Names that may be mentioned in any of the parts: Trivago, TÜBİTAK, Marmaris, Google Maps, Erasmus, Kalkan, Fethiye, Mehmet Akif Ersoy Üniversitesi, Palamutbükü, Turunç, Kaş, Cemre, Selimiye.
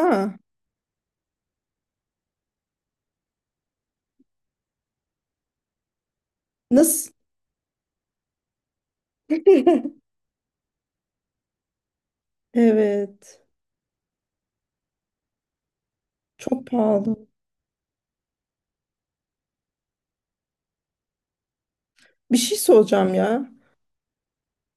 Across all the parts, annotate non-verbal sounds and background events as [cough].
Aa, nasıl? [laughs] Evet. Çok pahalı. Bir şey soracağım ya.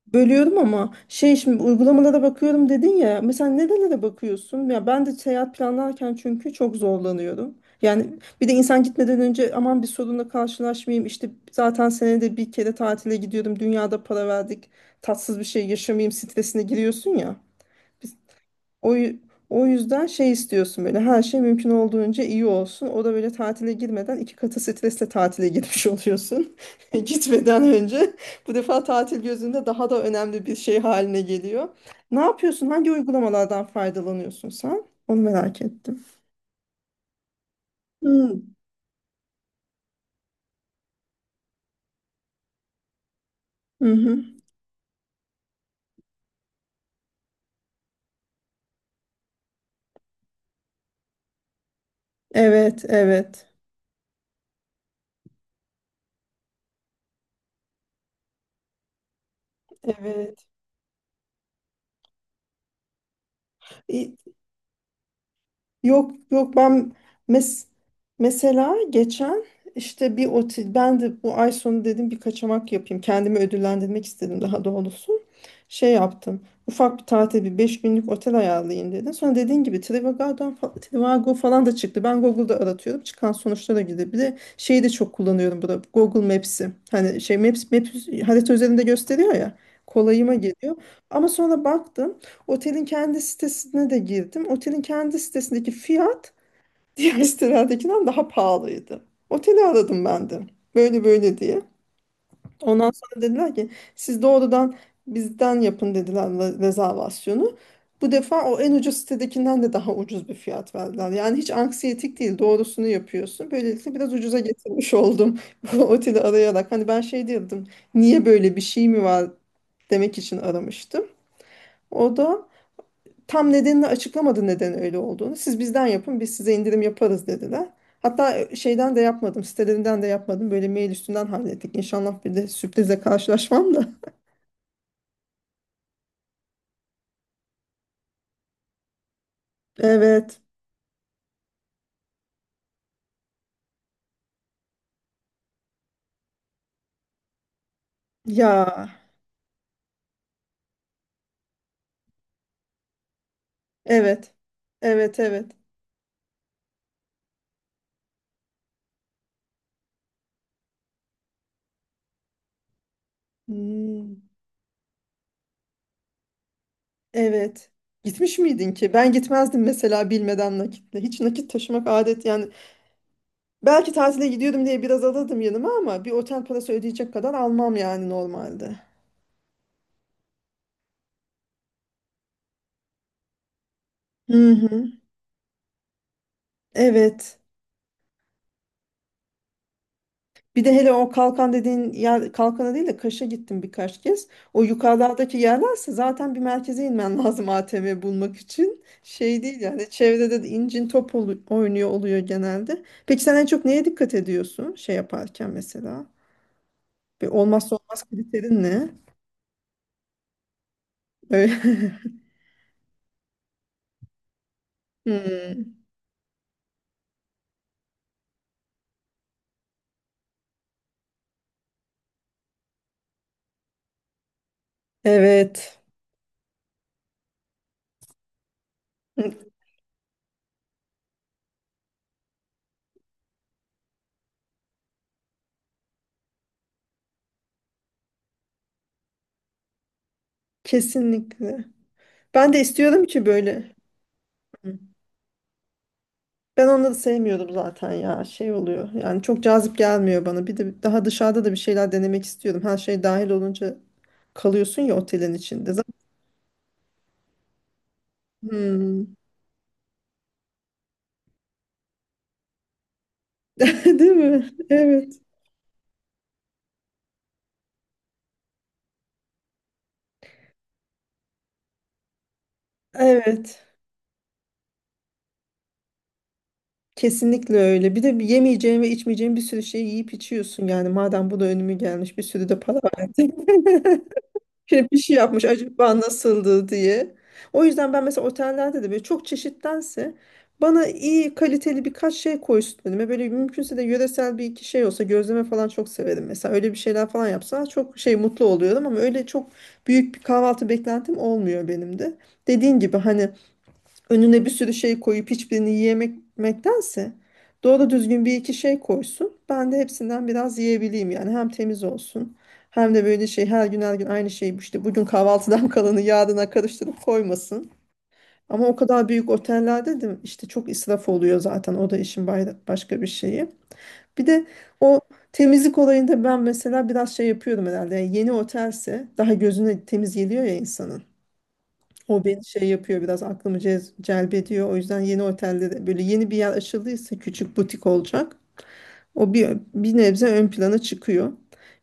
Bölüyorum ama şey, şimdi uygulamalara bakıyorum dedin ya. Mesela nerelere bakıyorsun? Ya ben de seyahat planlarken çünkü çok zorlanıyorum. Yani bir de insan gitmeden önce, aman bir sorunla karşılaşmayayım, İşte zaten senede bir kere tatile gidiyorum, dünyada para verdik, tatsız bir şey yaşamayayım stresine giriyorsun ya. O, yü- O yüzden şey istiyorsun, böyle her şey mümkün olduğunca iyi olsun. O da böyle tatile girmeden iki katı stresle tatile girmiş [laughs] oluyorsun. [laughs] Gitmeden önce bu defa tatil gözünde daha da önemli bir şey haline geliyor. Ne yapıyorsun? Hangi uygulamalardan faydalanıyorsun sen? Onu merak ettim. Hmm. Hı hı. Evet, evet. Evet. İ- Yok yok, ben mes mesela geçen, işte bir otel, ben de bu ay sonu dedim bir kaçamak yapayım. Kendimi ödüllendirmek istedim daha doğrusu. Şey yaptım. Ufak bir tatil, bir 5 günlük otel ayarlayayım dedim. Sonra dediğin gibi Trivago falan da çıktı. Ben Google'da aratıyorum. Çıkan sonuçlara göre bir de şeyi de çok kullanıyorum burada. Google Maps'i. Hani şey, Maps harita üzerinde gösteriyor ya. Kolayıma geliyor. Ama sonra baktım. Otelin kendi sitesine de girdim. Otelin kendi sitesindeki fiyat [laughs] diğer sitelerdekinden daha pahalıydı. Oteli aradım ben de. Böyle böyle diye. Ondan sonra dediler ki siz doğrudan bizden yapın dediler rezervasyonu. Bu defa o en ucuz sitedekinden de daha ucuz bir fiyat verdiler. Yani hiç anksiyetik değil, doğrusunu yapıyorsun. Böylelikle biraz ucuza getirmiş oldum [laughs] bu oteli arayarak. Hani ben şey diyordum, niye, böyle bir şey mi var demek için aramıştım. O da tam nedenini açıklamadı, neden öyle olduğunu. Siz bizden yapın, biz size indirim yaparız dediler. Hatta şeyden de yapmadım, sitelerinden de yapmadım. Böyle mail üstünden hallettik. İnşallah bir de sürprize karşılaşmam da. [laughs] Evet. Ya. Evet. Evet, evet. Hmm, evet. Gitmiş miydin ki? Ben gitmezdim mesela bilmeden nakitle. Hiç nakit taşımak adet yani. Belki tatile gidiyordum diye biraz alırdım yanıma, ama bir otel parası ödeyecek kadar almam yani normalde. Hı hı. Evet. Bir de hele o kalkan dediğin yer, kalkana değil de Kaş'a gittim birkaç kez. O yukarılardaki yerlerse zaten bir merkeze inmen [laughs] lazım ATM bulmak için. Şey değil yani, çevrede de incin top oynuyor oluyor genelde. Peki sen en çok neye dikkat ediyorsun şey yaparken mesela? Bir olmazsa olmaz kriterin ne? Öyle- [laughs] Hmm. Evet. Hı. Kesinlikle. Ben de istiyorum ki böyle. Ben onları sevmiyordum zaten ya. Şey oluyor. Yani çok cazip gelmiyor bana. Bir de daha dışarıda da bir şeyler denemek istiyordum. Her şey dahil olunca kalıyorsun ya otelin içinde. Zaten. Hmm. [laughs] Değil mi? Evet. Evet. Kesinlikle öyle. Bir de bir yemeyeceğin ve içmeyeceğin bir sürü şey yiyip içiyorsun. Yani madem bu da önüme gelmiş, bir sürü de para verdim. [laughs] Şey, bir şey yapmış acaba, nasıldı diye. O yüzden ben mesela otellerde de böyle çok çeşittense, bana iyi kaliteli birkaç şey koysun önüme. Böyle mümkünse de yöresel bir iki şey olsa, gözleme falan çok severim. Mesela öyle bir şeyler falan yapsa çok şey, mutlu oluyorum, ama öyle çok büyük bir kahvaltı beklentim olmuyor benim de. Dediğin gibi, hani önüne bir sürü şey koyup hiçbirini yiyemektense doğru düzgün bir iki şey koysun. Ben de hepsinden biraz yiyebileyim yani. Hem temiz olsun, hem de böyle şey, her gün her gün aynı şeyi, işte bugün kahvaltıdan [laughs] kalanı yarına karıştırıp koymasın. Ama o kadar büyük otellerde de işte çok israf oluyor zaten, o da işin başka bir şeyi. Bir de o temizlik olayında ben mesela biraz şey yapıyorum herhalde. Yani yeni otelse daha gözüne temiz geliyor ya insanın. O beni şey yapıyor, biraz aklımı celbediyor. O yüzden yeni otellere, böyle yeni bir yer açıldıysa, küçük butik olacak. O bir nebze ön plana çıkıyor.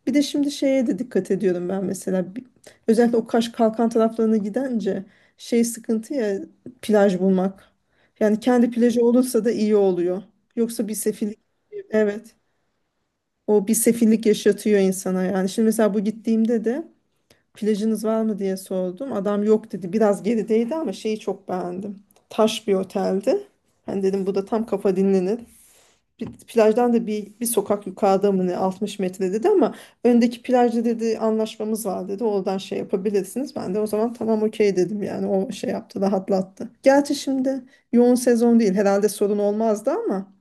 Bir de şimdi şeye de dikkat ediyorum ben mesela. Özellikle o Kaş Kalkan taraflarına gidince şey sıkıntı ya, plaj bulmak. Yani kendi plajı olursa da iyi oluyor. Yoksa bir sefillik, evet, o bir sefillik yaşatıyor insana yani. Şimdi mesela bu gittiğimde de plajınız var mı diye sordum. Adam yok dedi. Biraz gerideydi ama şeyi çok beğendim. Taş bir oteldi. Ben dedim bu da tam kafa dinlenir. Bir, plajdan da bir sokak yukarıda mı ne, 60 metre dedi ama öndeki plajda dedi anlaşmamız var dedi, oradan şey yapabilirsiniz. Ben de o zaman tamam, okey dedim yani, o şey yaptı, rahatlattı. Gerçi şimdi yoğun sezon değil herhalde, sorun olmazdı, ama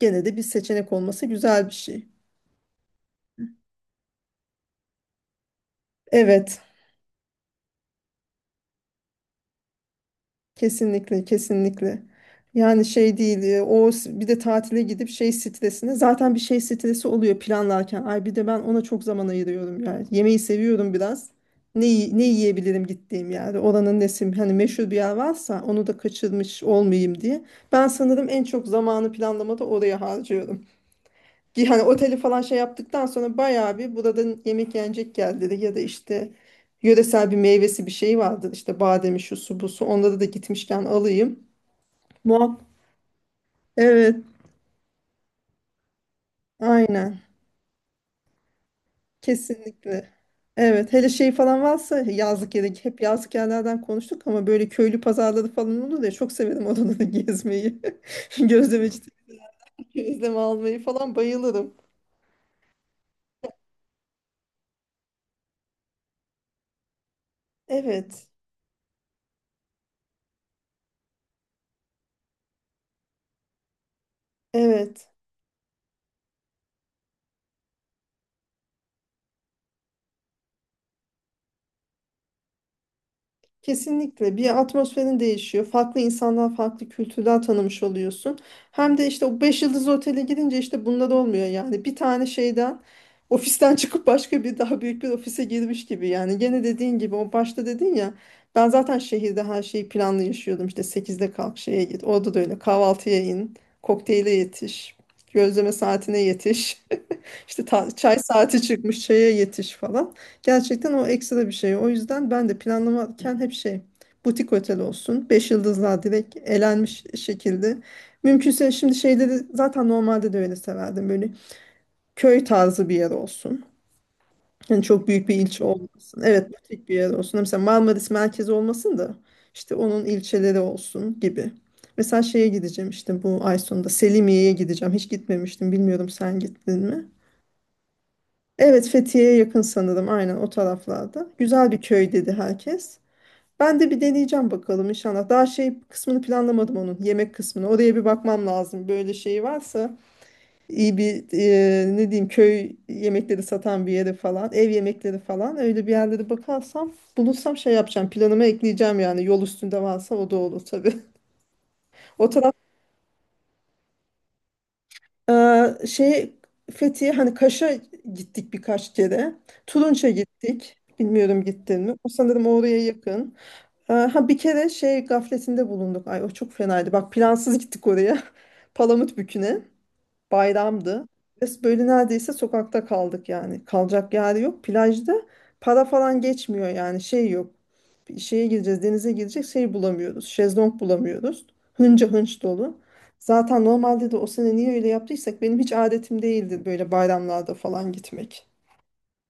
gene de bir seçenek olması güzel bir şey. Evet. Kesinlikle, kesinlikle. Yani şey değil, bir de tatile gidip şey stresine, zaten bir şey stresi oluyor planlarken. Ay bir de ben ona çok zaman ayırıyorum yani. Yemeği seviyorum biraz. Ne yiyebilirim gittiğim yerde. Oranın nesi, hani meşhur bir yer varsa onu da kaçırmış olmayayım diye. Ben sanırım en çok zamanı planlamada oraya harcıyorum. Ki hani oteli falan şey yaptıktan sonra bayağı bir, buradan yemek yenecek geldi dedi, ya da işte yöresel bir meyvesi bir şey vardı, işte bademi, şu su, bu su, onları da gitmişken alayım. Muhak evet, aynen, kesinlikle. Evet, hele şey falan varsa yazlık yere, hep yazlık yerlerden konuştuk ama, böyle köylü pazarları falan olur ya, çok severim oraları gezmeyi. [laughs] Gözlemeci, gözleme almayı falan bayılırım. Evet, evet. Kesinlikle, bir atmosferin değişiyor. Farklı insanlar, farklı kültürler tanımış oluyorsun. Hem de işte o 5 yıldız otele gidince işte bunlar olmuyor yani. Bir tane şeyden, ofisten [laughs] çıkıp başka bir daha büyük bir ofise girmiş gibi yani. Gene dediğin gibi, o başta dedin ya, ben zaten şehirde her şeyi planlı yaşıyordum. İşte sekizde kalk, şeye git. Orada da öyle kahvaltıya in, kokteyle yetiş, gözleme saatine yetiş. [laughs] İşte çay saati çıkmış, çaya yetiş falan. Gerçekten o ekstra bir şey. O yüzden ben de planlamarken hep şey, butik otel olsun. Beş yıldızlar direkt elenmiş şekilde. Mümkünse şimdi şeyleri, zaten normalde de öyle severdim. Böyle köy tarzı bir yer olsun. Yani çok büyük bir ilçe olmasın. Evet, butik bir yer olsun. Mesela Marmaris merkezi olmasın da, işte onun ilçeleri olsun gibi. Mesela şeye gideceğim, işte bu ay sonunda Selimiye'ye gideceğim. Hiç gitmemiştim. Bilmiyorum sen gittin mi? Evet, Fethiye'ye yakın sanırım, aynen o taraflarda. Güzel bir köy dedi herkes. Ben de bir deneyeceğim bakalım inşallah. Daha şey kısmını planlamadım, onun yemek kısmını. Oraya bir bakmam lazım. Böyle şey varsa, iyi bir, ne diyeyim, köy yemekleri satan bir yere falan, ev yemekleri falan, öyle bir yerlere bakarsam, bulursam şey yapacağım. Planıma ekleyeceğim yani. Yol üstünde varsa o da olur tabii. [laughs] O Şey, Fethiye, hani Kaş'a gittik birkaç kere. Turunç'a gittik. Bilmiyorum gittin mi? O sanırım oraya yakın. Ha, bir kere şey gafletinde bulunduk. Ay, o çok fenaydı. Bak, plansız gittik oraya. [laughs] Palamutbükü'ne. Bayramdı. Biz böyle neredeyse sokakta kaldık yani. Kalacak yer yok. Plajda para falan geçmiyor yani, şey yok, bir şeye gideceğiz, denize gidecek şey bulamıyoruz, şezlong bulamıyoruz. Hınca hınç dolu. Zaten normalde de, o sene niye öyle yaptıysak, benim hiç adetim değildi böyle bayramlarda falan gitmek.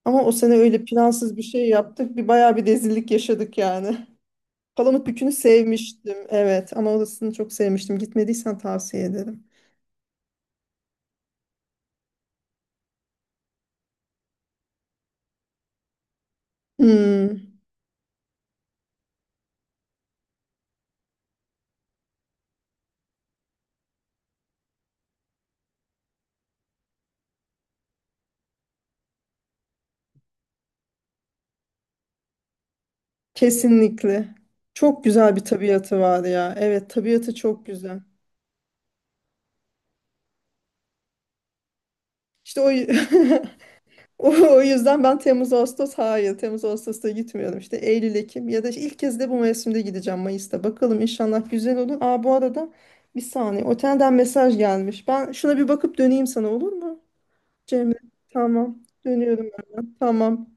Ama o sene öyle plansız bir şey yaptık. Bir bayağı bir rezillik yaşadık yani. Palamutbükü'nü sevmiştim. Evet, ama orasını çok sevmiştim. Gitmediysen tavsiye ederim. Hmm, kesinlikle. Çok güzel bir tabiatı var ya. Evet, tabiatı çok güzel. İşte o [laughs] [laughs] o yüzden ben Temmuz Ağustos, hayır, Temmuz Ağustos'ta gitmiyorum, işte Eylül Ekim, ya da işte ilk kez de bu mevsimde gideceğim Mayıs'ta, bakalım inşallah güzel olur. Aa, bu arada bir saniye, otelden mesaj gelmiş, ben şuna bir bakıp döneyim sana, olur mu Cemre? Tamam, dönüyorum ben. Tamam.